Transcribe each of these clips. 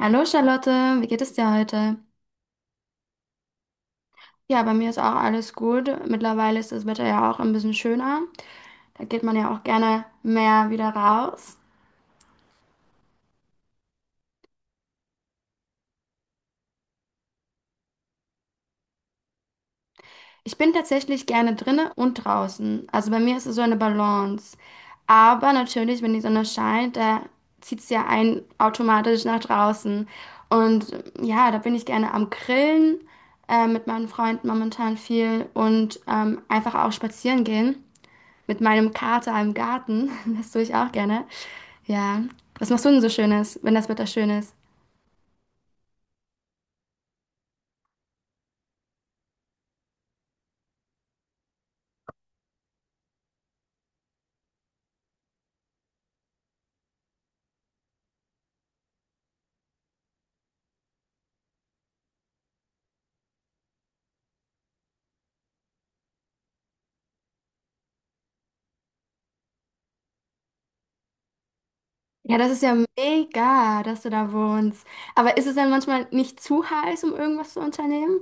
Hallo Charlotte, wie geht es dir heute? Ja, bei mir ist auch alles gut. Mittlerweile ist das Wetter ja auch ein bisschen schöner. Da geht man ja auch gerne mehr wieder raus. Ich bin tatsächlich gerne drinnen und draußen. Also bei mir ist es so eine Balance. Aber natürlich, wenn die Sonne scheint, da zieht es ja einen automatisch nach draußen. Und ja, da bin ich gerne am Grillen, mit meinen Freunden momentan viel und einfach auch spazieren gehen mit meinem Kater im Garten. Das tue ich auch gerne. Ja. Was machst du denn so Schönes, wenn das Wetter schön ist? Ja, das ist ja mega, dass du da wohnst. Aber ist es dann manchmal nicht zu heiß, um irgendwas zu unternehmen?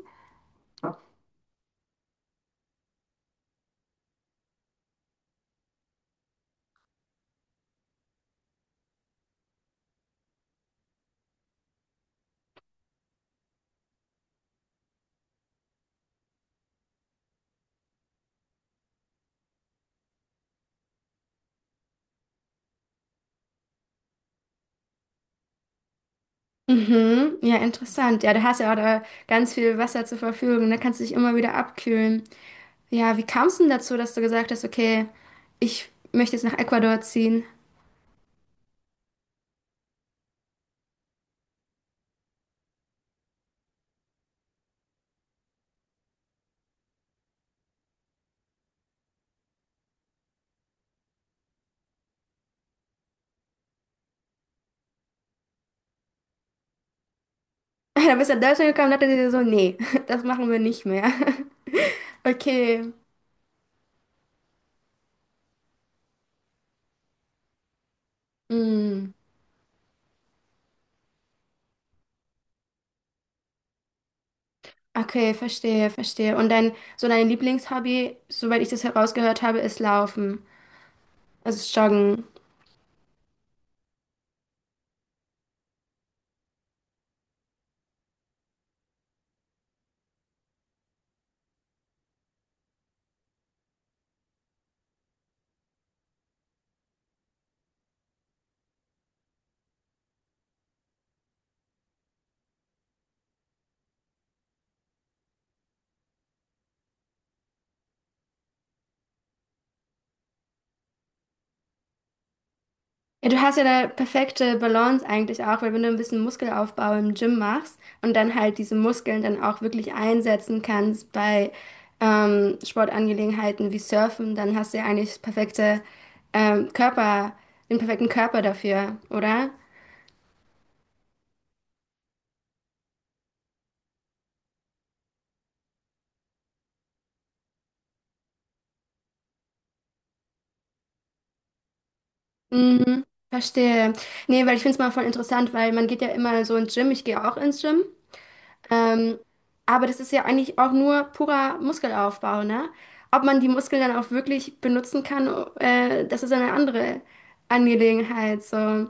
Mhm, ja, interessant. Ja, du hast ja auch da ganz viel Wasser zur Verfügung. Da kannst du dich immer wieder abkühlen. Ja, wie kamst du denn dazu, dass du gesagt hast, okay, ich möchte jetzt nach Ecuador ziehen? Da bist du nach Deutschland gekommen und dachte dir so, nee, das machen wir nicht mehr. Okay. Mm. Okay, verstehe, verstehe. Und dein, so dein Lieblingshobby, soweit ich das herausgehört habe, ist Laufen, also Joggen. Ja, du hast ja eine perfekte Balance eigentlich auch, weil wenn du ein bisschen Muskelaufbau im Gym machst und dann halt diese Muskeln dann auch wirklich einsetzen kannst bei Sportangelegenheiten wie Surfen, dann hast du ja eigentlich das perfekte Körper, den perfekten Körper dafür, oder? Mhm, verstehe. Nee, weil ich finde es mal voll interessant, weil man geht ja immer so ins Gym, ich gehe auch ins Gym. Ähm, aber das ist ja eigentlich auch nur purer Muskelaufbau, ne? Ob man die Muskeln dann auch wirklich benutzen kann, das ist eine andere Angelegenheit. So.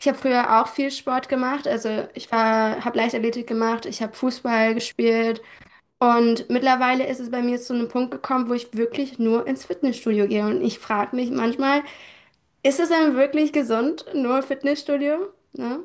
Ich habe früher auch viel Sport gemacht. Also ich war, habe Leichtathletik gemacht, ich habe Fußball gespielt. Und mittlerweile ist es bei mir zu einem Punkt gekommen, wo ich wirklich nur ins Fitnessstudio gehe. Und ich frage mich manchmal, ist es dann wirklich gesund, nur Fitnessstudio? Ne?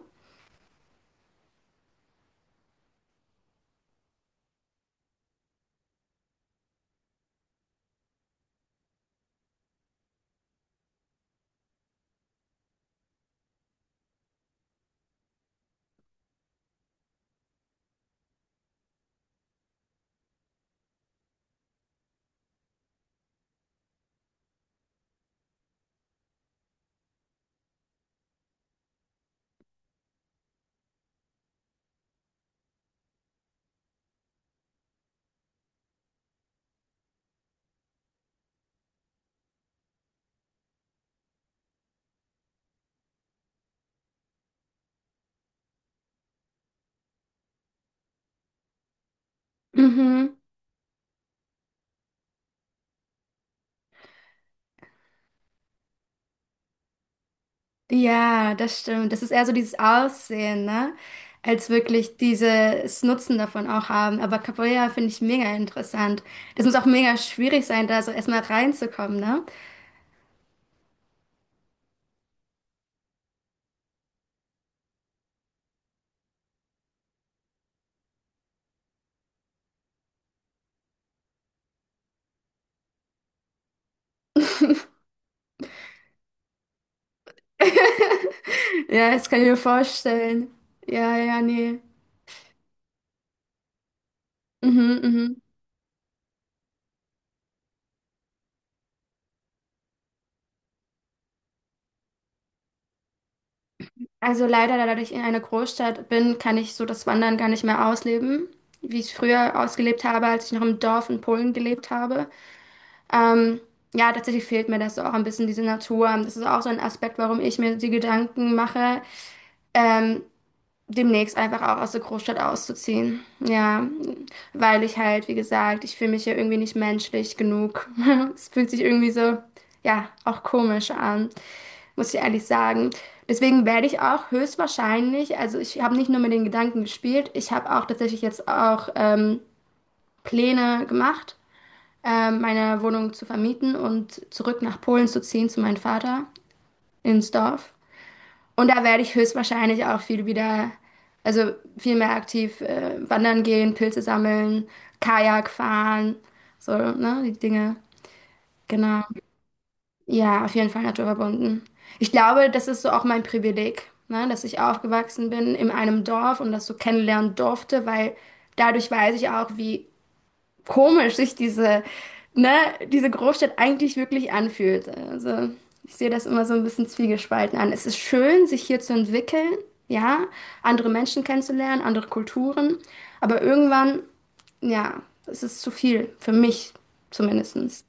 Mhm. Ja, das stimmt. Das ist eher so dieses Aussehen, ne? Als wirklich dieses Nutzen davon auch haben. Aber Capoeira finde ich mega interessant. Das muss auch mega schwierig sein, da so erstmal reinzukommen, ne? Ja, das kann ich mir vorstellen. Ja, ja, nee. Mhm, mhm. Also leider, da ich in einer Großstadt bin, kann ich so das Wandern gar nicht mehr ausleben, wie ich es früher ausgelebt habe, als ich noch im Dorf in Polen gelebt habe. Ähm, ja, tatsächlich fehlt mir das so auch ein bisschen diese Natur. Das ist auch so ein Aspekt, warum ich mir die Gedanken mache, ähm, demnächst einfach auch aus der Großstadt auszuziehen. Ja, weil ich halt, wie gesagt, ich fühle mich ja irgendwie nicht menschlich genug. Es fühlt sich irgendwie so, ja, auch komisch an, muss ich ehrlich sagen. Deswegen werde ich auch höchstwahrscheinlich, also ich habe nicht nur mit den Gedanken gespielt, ich habe auch tatsächlich jetzt auch Pläne gemacht, meine Wohnung zu vermieten und zurück nach Polen zu ziehen zu meinem Vater ins Dorf. Und da werde ich höchstwahrscheinlich auch viel wieder, also viel mehr aktiv wandern gehen, Pilze sammeln, Kajak fahren, so, ne, die Dinge. Genau. Ja, auf jeden Fall naturverbunden. Ich glaube, das ist so auch mein Privileg, ne, dass ich aufgewachsen bin in einem Dorf und das so kennenlernen durfte, weil dadurch weiß ich auch, wie komisch sich diese, ne, diese Großstadt eigentlich wirklich anfühlt. Also ich sehe das immer so ein bisschen zwiegespalten an. Es ist schön, sich hier zu entwickeln, ja, andere Menschen kennenzulernen, andere Kulturen, aber irgendwann, ja, es ist zu viel, für mich zumindestens.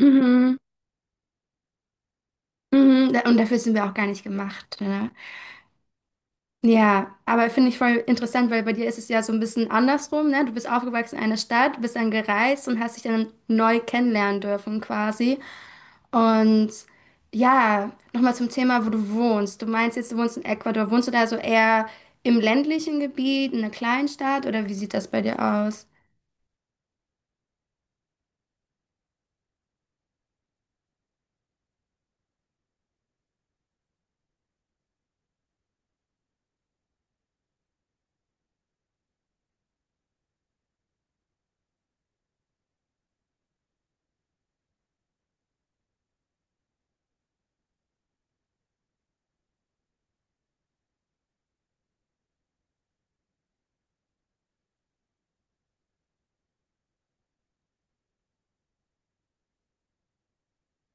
Mhm. Mhm. Da- Und dafür sind wir auch gar nicht gemacht. Ne? Ja, aber finde ich voll interessant, weil bei dir ist es ja so ein bisschen andersrum, ne? Du bist aufgewachsen in einer Stadt, bist dann gereist und hast dich dann neu kennenlernen dürfen quasi. Und ja, nochmal zum Thema, wo du wohnst. Du meinst jetzt, du wohnst in Ecuador. Wohnst du da so eher im ländlichen Gebiet, in einer Kleinstadt oder wie sieht das bei dir aus?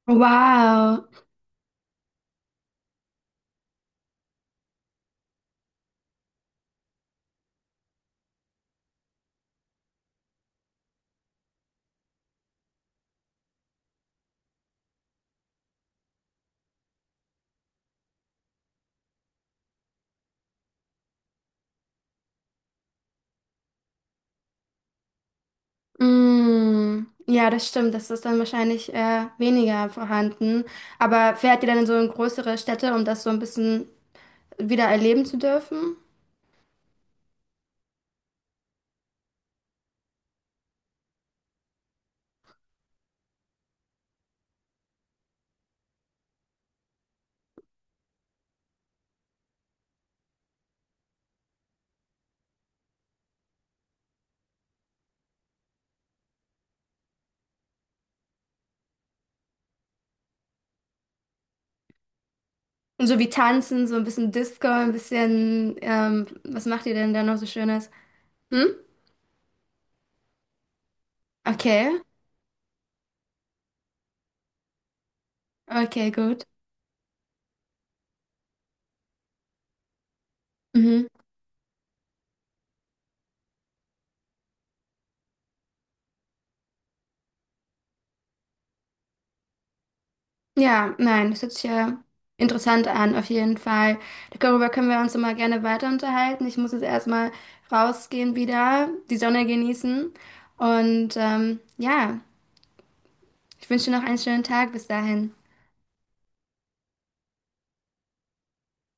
Wow. Mm. Ja, das stimmt. Das ist dann wahrscheinlich weniger vorhanden. Aber fährt ihr dann in so in größere Städte, um das so ein bisschen wieder erleben zu dürfen? Und so wie tanzen, so ein bisschen Disco, ein bisschen, was macht ihr denn da noch so Schönes? Hm? Okay. Okay, gut. Mhm. Ja, nein, das hört sich ja interessant an, auf jeden Fall. Darüber können wir uns immer gerne weiter unterhalten. Ich muss jetzt erstmal rausgehen wieder, die Sonne genießen. Und ja, ich wünsche dir noch einen schönen Tag bis dahin.